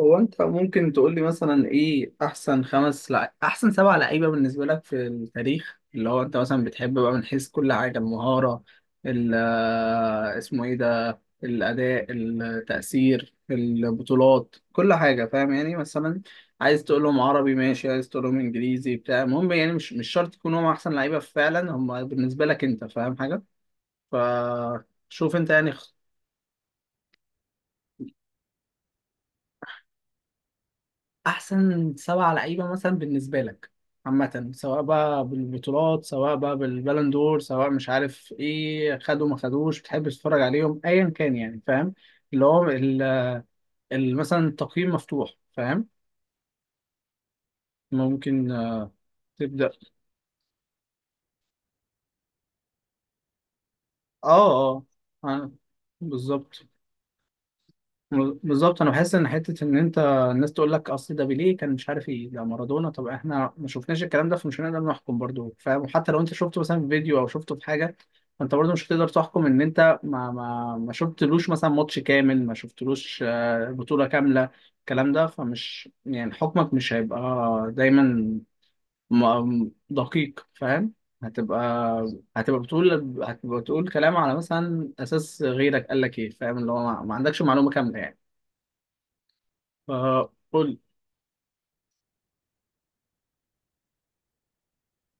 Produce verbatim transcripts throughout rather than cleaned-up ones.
هو انت ممكن تقول لي مثلا ايه احسن خمس لع... احسن سبع لعيبه بالنسبه لك في التاريخ اللي هو انت مثلا بتحب بقى من حيث كل حاجه المهاره ال آه، اسمه ايه ده الاداء التاثير البطولات كل حاجه فاهم يعني مثلا عايز تقول لهم عربي ماشي عايز تقول لهم انجليزي بتاع المهم يعني مش مش شرط يكونوا هم احسن لعيبه فعلا هم بالنسبه لك انت فاهم حاجه فشوف انت يعني احسن سبع لعيبه مثلا بالنسبه لك عامه سواء بقى بالبطولات سواء بقى بالبالون دور سواء مش عارف ايه خدوا ما خدوش بتحب تتفرج عليهم ايا كان يعني فاهم اللي هو ال- ال- مثلا التقييم مفتوح فاهم ممكن آه، تبدا. اه اه آه، بالظبط. بالظبط انا بحس ان حته ان انت الناس تقول لك اصل ده بيليه كان مش عارف ايه ده مارادونا. طب احنا ما شفناش الكلام ده فمش هنقدر نحكم برضو فاهم، وحتى لو انت شفته مثلا في فيديو او شفته في حاجه فانت برضو مش هتقدر تحكم ان انت ما ما ما شفتلوش مثلا ماتش كامل ما شفتلوش آه، بطوله كامله الكلام ده فمش يعني حكمك مش هيبقى دايما م- دقيق فاهم. هتبقى هتبقى بتقول هتبقى بتقول كلام على مثلا اساس غيرك قال لك ايه فاهم اللي هو ما ما عندكش معلومه كامله يعني فقول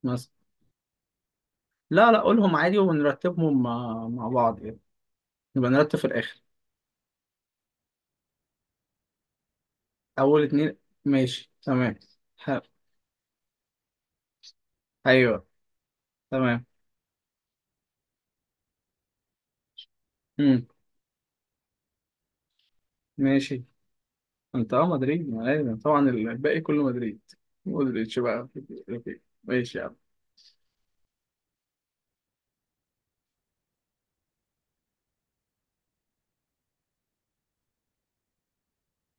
مثلا. لا لا قولهم عادي ونرتبهم مع, مع بعض يعني، نبقى نرتب في الآخر. أول اتنين ماشي تمام. حلو. أيوه تمام. مم. ماشي. أنت أه مدريد ما لازم طبعا الباقي كله مدريد. مودريتش بقى. أوكي. ماشي يا عم.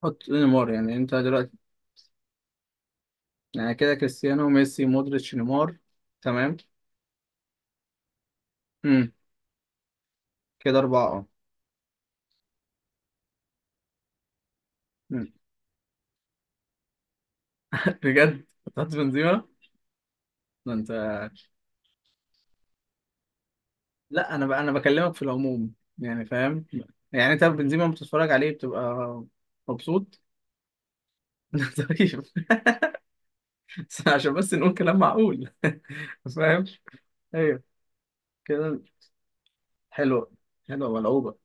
حط نيمار يعني أنت دلوقتي يعني كده كريستيانو ميسي مودريتش نيمار. تمام. مم. كده أربعة أه. مم. بجد هتحط بنزيما؟ ده أنت! لا انا ب... انا بكلمك في العموم يعني فاهم. يعني انت بنزيما لما بتتفرج عليه بتبقى مبسوط؟ طيب. بس عشان بس نقول كلام معقول فاهم. ايوه كده. حلوه. حلوه ملعوبه.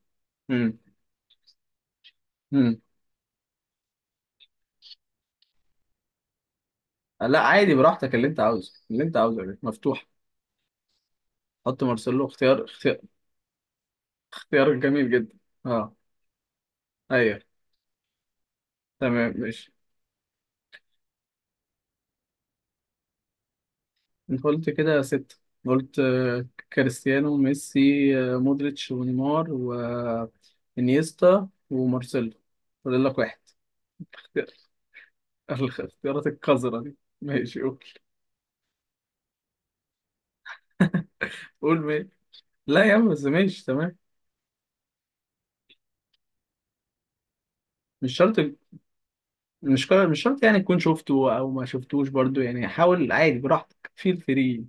امم. امم. لا عادي براحتك اللي انت عاوزه اللي انت عاوزه يا باشا. مفتوح. حط مارسيلو اختيار اختيار. اختيار جميل جدا. اه. ايوه تمام ماشي. انت قلت كده ستة. قلت آه، كريستيانو ميسي، آه، مودريتش ونيمار وانيستا ومارسيلو. فاضل لك واحد. الاخ- الاختيارات القذرة دي ماشي اوكي. قول مين. لا يا عم بس ماشي تمام. مش شرط. مش كار... مش شرط يعني تكون شفته او ما شفتوش برضو يعني، حاول عادي براحتك فيل فري.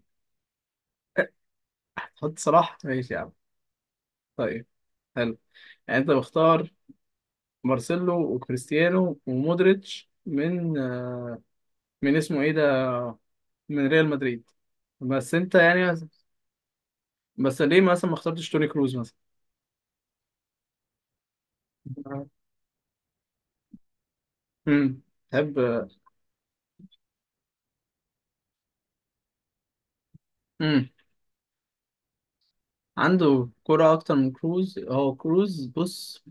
حط صلاح ماشي يا عم. طيب. حلو. يعني انت مختار مارسيلو وكريستيانو ومودريتش من آه، من اسمه ايه ده من ريال مدريد. بس انت يعني بس, بس ليه مثلا ما اخترتش توني كروز مثلا؟ امم. تحب. امم. عنده كرة اكتر من كروز. هو كروز بص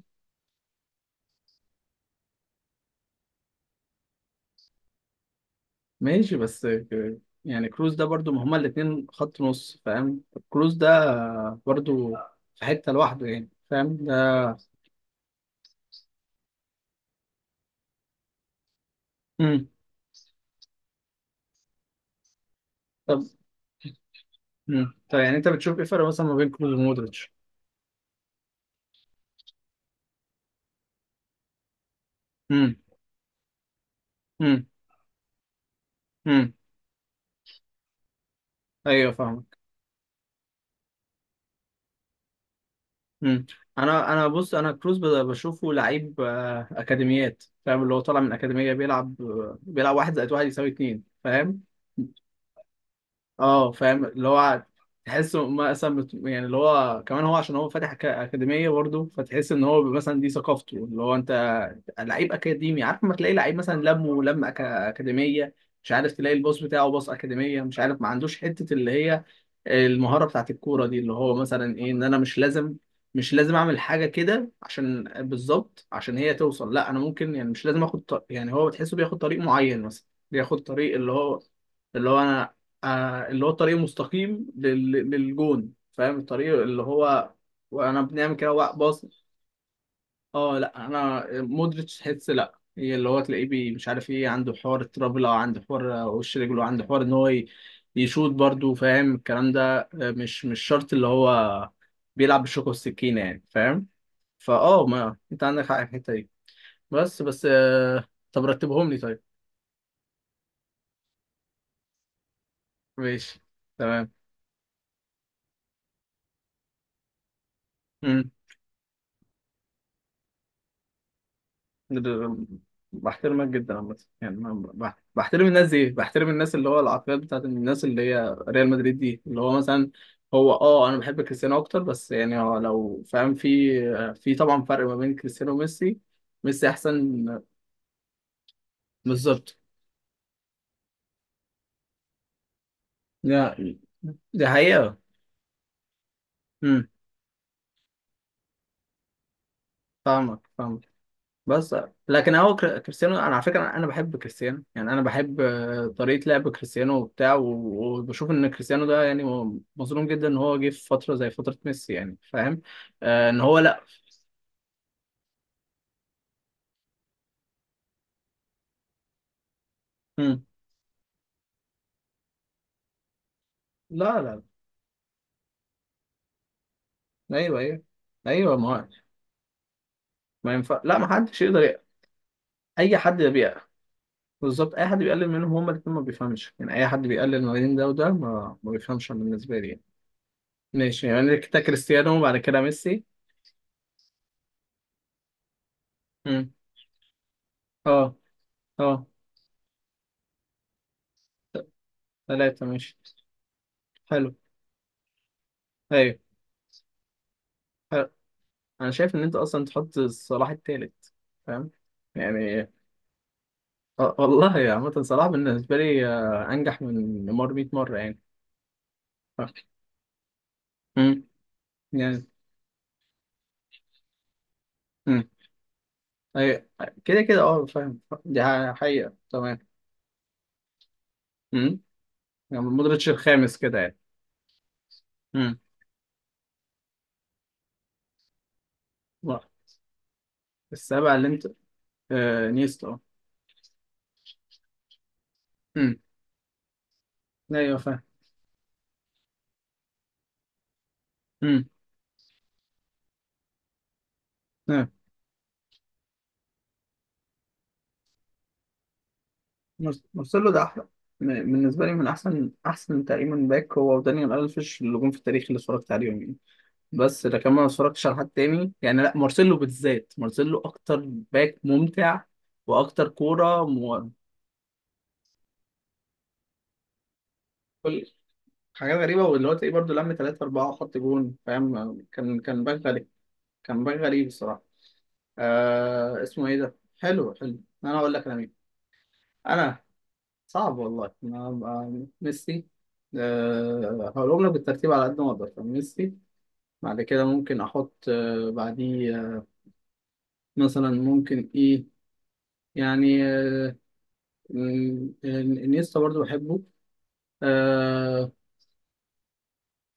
ماشي بس ك- يعني كروز ده برضو ما هما الاتنين خط نص فاهم. كروز ده برضو في حتة لوحده يعني فاهم ده. امم. طب. امم طب يعني انت بتشوف ايه الفرق مثلا ما بين كروز ومودريتش؟ امم. امم. امم. ايوه فاهم. مم. انا انا بص انا كروز ب- بشوفه لعيب آه، اكاديميات فاهم، اللي هو طالع من اكاديميه بيلعب آه، بيلعب واحد زائد واحد يساوي اتنين فاهم. اه فاهم. اللي هو تحسه مثلا بت- يعني اللي هو كمان هو عشان هو فاتح أكا- اكاديميه برضه، فتحس ان هو مثلا دي ثقافته اللي هو انت لعيب اكاديمي عارف، ما تلاقي لعيب مثلا لمه لم ولم أكا- اكاديميه، مش عارف تلاقي الباص بتاعه باص اكاديميه، مش عارف ما عندوش حته اللي هي المهاره بتاعت الكوره دي، اللي هو مثلا ايه ان انا مش لازم مش لازم اعمل حاجه كده عشان بالظبط عشان هي توصل. لا انا ممكن يعني مش لازم اخد طريق يعني، هو بتحسه بياخد طريق معين مثلا. بياخد طريق اللي هو اللي هو انا آه اللي هو الطريق المستقيم لل- للجون فاهم، الطريق اللي هو وانا بنعمل كده باص. اه لا انا مودريتش تحس لا هي اللي هو تلاقيه بي- مش عارف ايه عنده حوار الترابل او عنده حوار آه، وش رجله، عنده حوار ان هو ي- يشوط برضه فاهم الكلام ده آه، مش مش شرط اللي هو بيلعب بالشوكة والسكينة يعني فاهم. فاه ما انت عندك حق في الحتة دي. بس بس آه، طب رتبهم لي طيب. ماشي تمام. بحترمك جدا عامة يعني ما- بح- بحترم الناس دي، بحترم الناس اللي هو العقليات بتاعت الناس اللي هي ريال مدريد دي اللي هو مثلا. هو اه انا بحب كريستيانو اكتر بس يعني هو لو فاهم، في في طبعا فرق ما بين كريستيانو وميسي. ميسي احسن. بالظبط. لا، دي حقيقة. امم. فاهمك فاهمك. بس لكن هو كر- كريستيانو انا على فكره انا بحب كريستيانو، يعني انا بحب آه، طريقه لعب كريستيانو وبتاع و- وبشوف ان كريستيانو ده يعني م- مظلوم جدا ان هو جه في فتره زي فتره ميسي يعني فاهم. آه ان هو لا. مم. لا لا. ايوه ايوه. ايوه ما هو. ما ينفع لا ما حدش يقدر يق- اي حد بيقل. بالظبط اي حد بيقلل منهم هما الاثنين ما بيفهمش، يعني اي حد بيقلل ما بين ده وده ما ما بيفهمش أنا بالنسبه لي يعني. ماشي يعني كده كريستيانو وبعد كده ميسي. مم. اه اه. ثلاثه ماشي. حلو. ايوه. حلو. انا شايف ان انت اصلا تحط صلاح التالت فاهم يعني. آه، والله عامة صلاح بالنسبة لي آه، انجح من نيمار مية مرة يعني. امم. يعني. امم. ايوه كده كده اه فاهم. دي حقيقة تمام. امم. يعني مودريتش الخامس كده يعني. امم. واحد. السابع اللي انت. آه نيستا اه. امم. ايوه فاهم. امم. نعم. مارس- مارسيلو ده احلى م- بالنسبة لي من احسن احسن تقريبا باك، هو ودانيال الفيش اللي جم في التاريخ اللي اتفرجت عليهم. بس لكن ما اتفرجتش على حد تاني يعني، لا مارسيلو بالذات مارسيلو اكتر باك ممتع واكتر كوره م... كل حاجات غريبه، واللي هو تلاقيه برضه لم ثلاثة أربعة وحط جون فاهم. كان كان باك غريب. كان باك غريب الصراحه. آه اسمه ايه ده، حلو حلو. انا اقول لك انا مين انا. صعب والله انا أنا- ميسي. آه هقولهم لك بالترتيب على قد ما اقدر. ميسي، بعد كده ممكن احط آه بعديه آه، مثلا ممكن ايه يعني آه، مم، انيستا برضو بحبه. آه.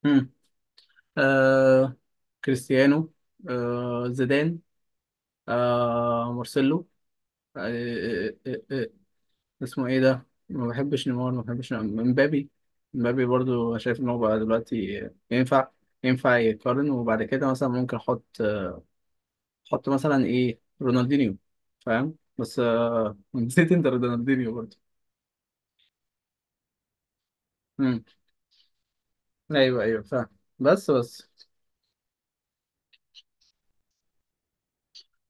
مم، آه كريستيانو، آه زيدان، آه مارسيلو، آه آه آه آه آه، اسمه ايه ده. ما بحبش نيمار، ما بحبش مبابي. مبابي برضو أنا شايف ان هو بقى دلوقتي ينفع ينفع يقارن. وبعد كده مثلا ممكن احط، احط مثلا ايه رونالدينيو فاهم. بس آه نسيت انت رونالدينيو برضو. مم، ايوه ايوه فاهم. بس بس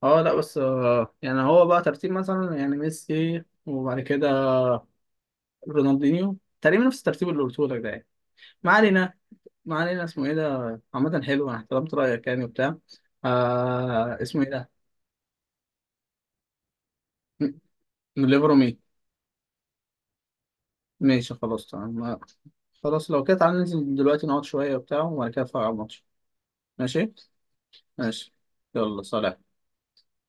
اه لا بس آه، يعني هو بقى ترتيب مثلا يعني ميسي وبعد كده رونالدينيو تقريبا نفس الترتيب اللي قلته لك ده يعني. ما علينا. ما علينا اسمه ايه ده. عامة حلو انا احترمت رأيك يعني وبتاع. آه اسمه ايه ده. م- من ليفرو مين؟ ماشي خلاص تمام آه، خلاص لو كده تعالى ننزل دلوقتي نقعد شوية وبتاع وبعد كده نتفرج على الماتش. ماشي. ماشي يلا سلام.